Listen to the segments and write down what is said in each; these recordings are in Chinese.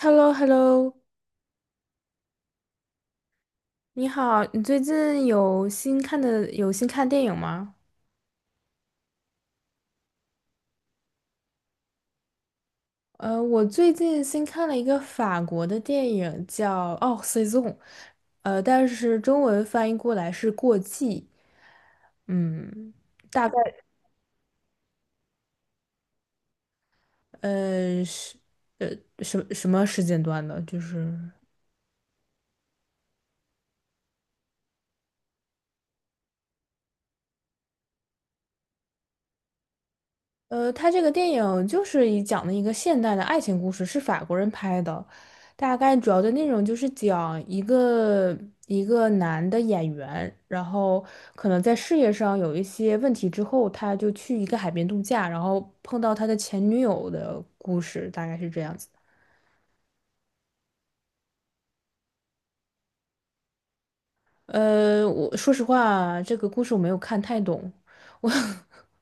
h e l l o hello 你好，你最近有新看的有新看电影吗？我最近新看了一个法国的电影叫《哦 Saison》，但是中文翻译过来是《过季》。嗯，大概呃是呃什么时间段的？就是。他这个电影就是以讲的一个现代的爱情故事，是法国人拍的，大概主要的内容就是讲一个一个男的演员，然后可能在事业上有一些问题之后，他就去一个海边度假，然后碰到他的前女友的故事，大概是这样子。我说实话，这个故事我没有看太懂。我，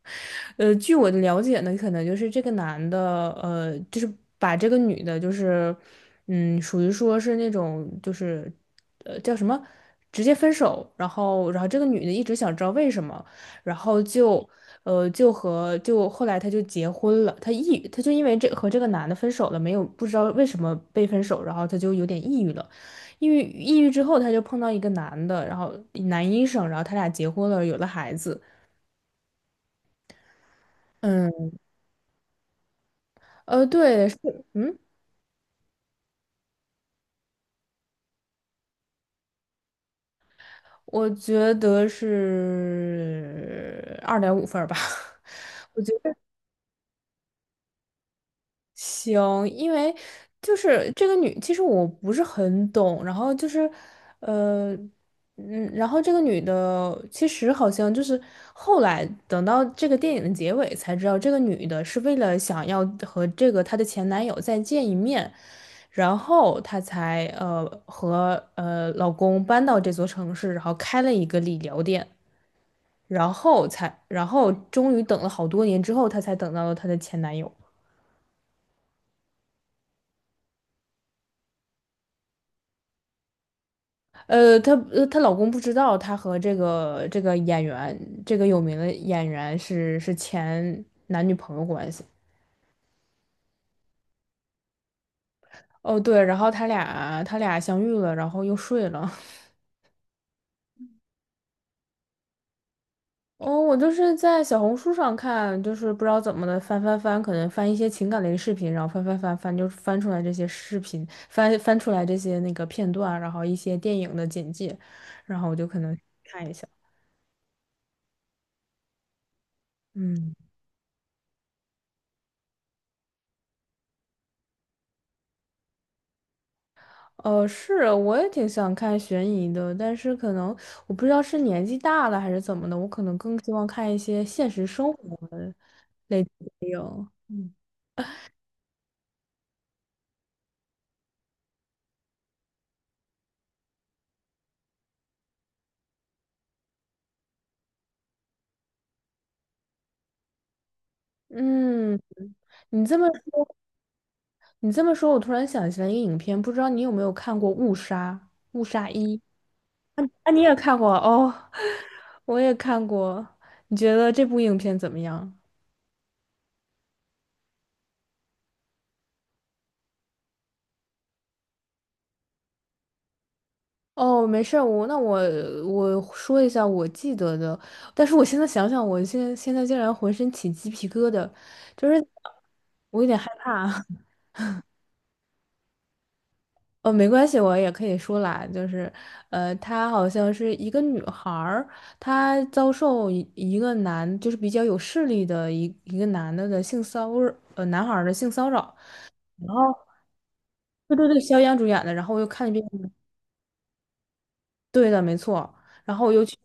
据我的了解呢，可能就是这个男的，就是把这个女的，就是，嗯，属于说是那种，就是，叫什么，直接分手。然后这个女的一直想知道为什么，然后就，就和就后来她就结婚了。她抑郁，她就因为这和这个男的分手了，没有不知道为什么被分手，然后她就有点抑郁了。抑郁之后，她就碰到一个男的，然后男医生，然后他俩结婚了，有了孩子。嗯，对，是，嗯，我觉得是2.5分儿吧。我觉得行，因为就是这个女，其实我不是很懂，然后就是，呃，嗯，然后这个女的其实好像就是后来等到这个电影的结尾才知道，这个女的是为了想要和这个她的前男友再见一面，然后她才和老公搬到这座城市，然后开了一个理疗店，然后才然后终于等了好多年之后，她才等到了她的前男友。她她老公不知道她和这个这个演员这个有名的演员是前男女朋友关系。哦，对，然后他俩他俩相遇了，然后又睡了。哦，我就是在小红书上看，就是不知道怎么的翻，可能翻一些情感类的视频，然后翻翻，就翻出来这些视频，翻出来这些那个片段，然后一些电影的简介，然后我就可能看一下。嗯，是，我也挺想看悬疑的，但是可能我不知道是年纪大了还是怎么的，我可能更希望看一些现实生活类的电影。嗯嗯，你这么说。你这么说，我突然想起来一个影片，不知道你有没有看过《误杀》《误杀一》？啊？你也看过哦，我也看过。你觉得这部影片怎么样？哦，没事儿，我我说一下我记得的，但是我现在想想，我现在竟然浑身起鸡皮疙瘩，就是我有点害怕。哦，没关系，我也可以说啦，就是，她好像是一个女孩儿，她遭受一个男，就是比较有势力的一个男的的性骚扰，男孩儿的性骚扰。然后，对对对，肖央主演的，然后我又看了一遍，对的，没错，然后我又去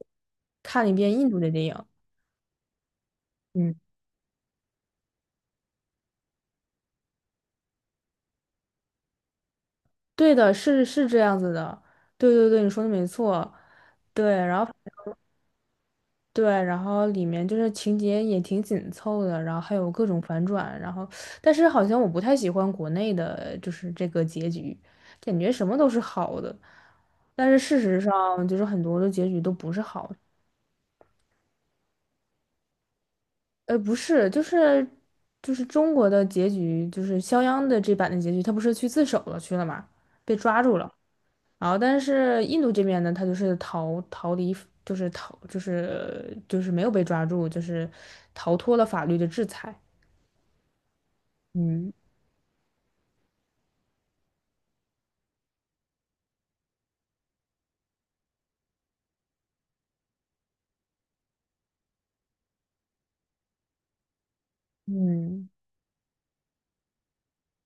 看了一遍印度的电影，嗯，对的，是是这样子的，对对对，你说的没错，对，然后。对，然后里面就是情节也挺紧凑的，然后还有各种反转，然后但是好像我不太喜欢国内的，就是这个结局，感觉什么都是好的，但是事实上就是很多的结局都不是好的。不是，就是就是中国的结局，就是肖央的这版的结局，他不是去自首了去了嘛，被抓住了，然后但是印度这边呢，他就是逃逃离，就是逃就是没有被抓住，就是逃脱了法律的制裁。嗯嗯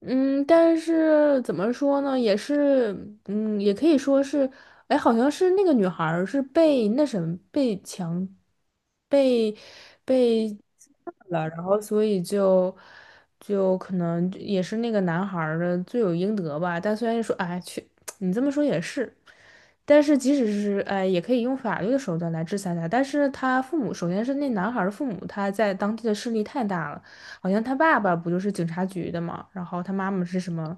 嗯，但是怎么说呢，也是，嗯，也可以说是，哎，好像是那个女孩儿是被那什么被强，被被侵犯了，然后所以就就可能也是那个男孩儿的罪有应得吧。但虽然说，哎，去，你这么说也是，但是即使是哎，也可以用法律的手段来制裁他。但是他父母，首先是那男孩儿的父母，他在当地的势力太大了。好像他爸爸不就是警察局的嘛，然后他妈妈是什么？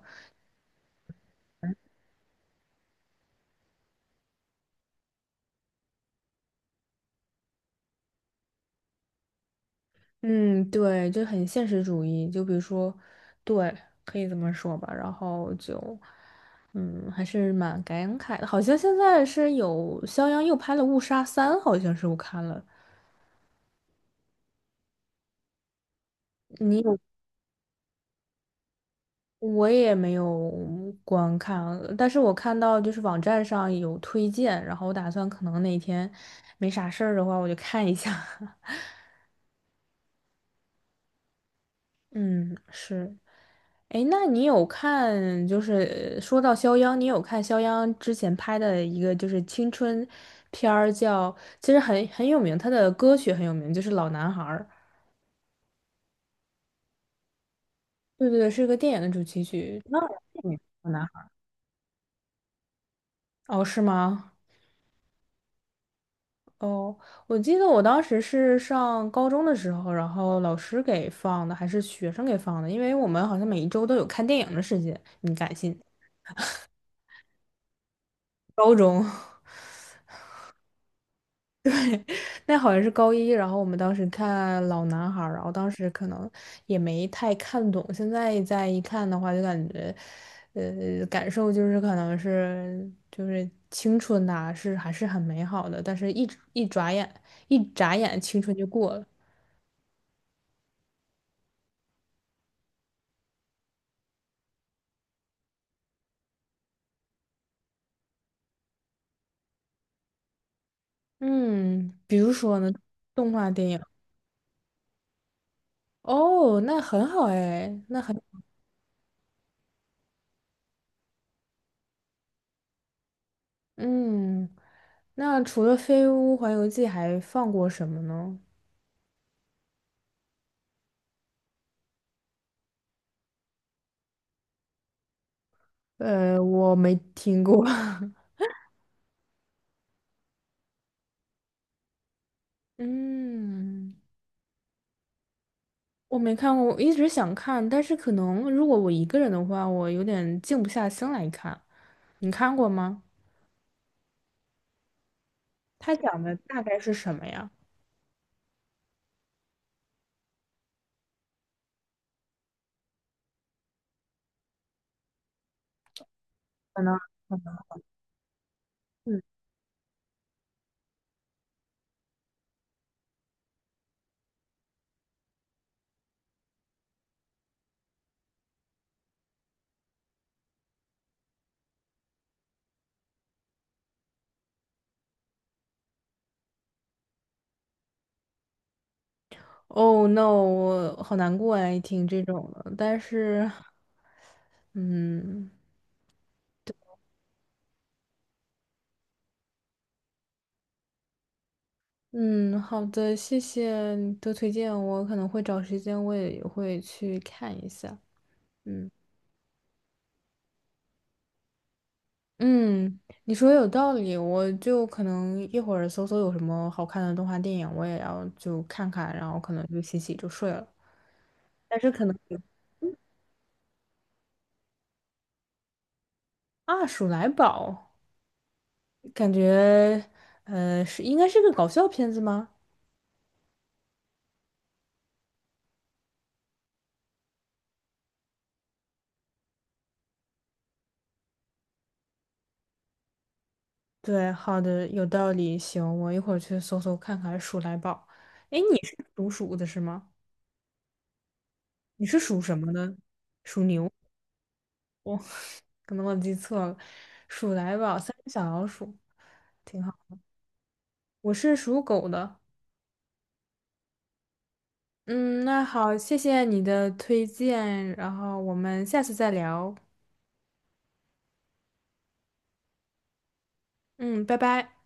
嗯，对，就很现实主义。就比如说，对，可以这么说吧。然后就，嗯，还是蛮感慨的。好像现在是有肖央又拍了《误杀三》，好像是我看了。你有？我也没有观看，但是我看到就是网站上有推荐，然后我打算可能哪天没啥事儿的话，我就看一下。嗯，是。哎，那你有看，就是说到肖央，你有看肖央之前拍的一个就是青春片儿叫，其实很有名，他的歌曲很有名，就是《老男孩》儿。对对对，是个电影的主题曲。那嗯老男孩儿哦，是吗？哦，我记得我当时是上高中的时候，然后老师给放的，还是学生给放的，因为我们好像每1周都有看电影的时间，你敢信？高中。那好像是高一，然后我们当时看《老男孩》，然后当时可能也没太看懂，现在再一看的话，就感觉，感受就是可能是就是青春呐、是还是很美好的，但是一眨眼，一眨眼青春就过了。嗯，比如说呢，动画电影。哦，那很好哎，那很。嗯，那除了《飞屋环游记》还放过什么呢？我没听过。嗯，我没看过，我一直想看，但是可能如果我一个人的话，我有点静不下心来看。你看过吗？他讲的大概是什么呀？可能，嗯，Oh no，我好难过哎，听这种的。但是，嗯嗯，好的，谢谢你的推荐，我可能会找时间，我也会去看一下。嗯。嗯，你说有道理，我就可能一会儿搜搜有什么好看的动画电影，我也要就看看，然后可能就洗洗就睡了。但是可能有啊，《鼠来宝》感觉应该是个搞笑片子吗？对，好的，有道理，行，我一会儿去搜搜看看《鼠来宝》。哎，你是属鼠的是吗？你是属什么的？属牛？我、可能我记错了，《鼠来宝》三只小老鼠挺好，我是属狗的。嗯，那好，谢谢你的推荐，然后我们下次再聊。嗯，拜拜。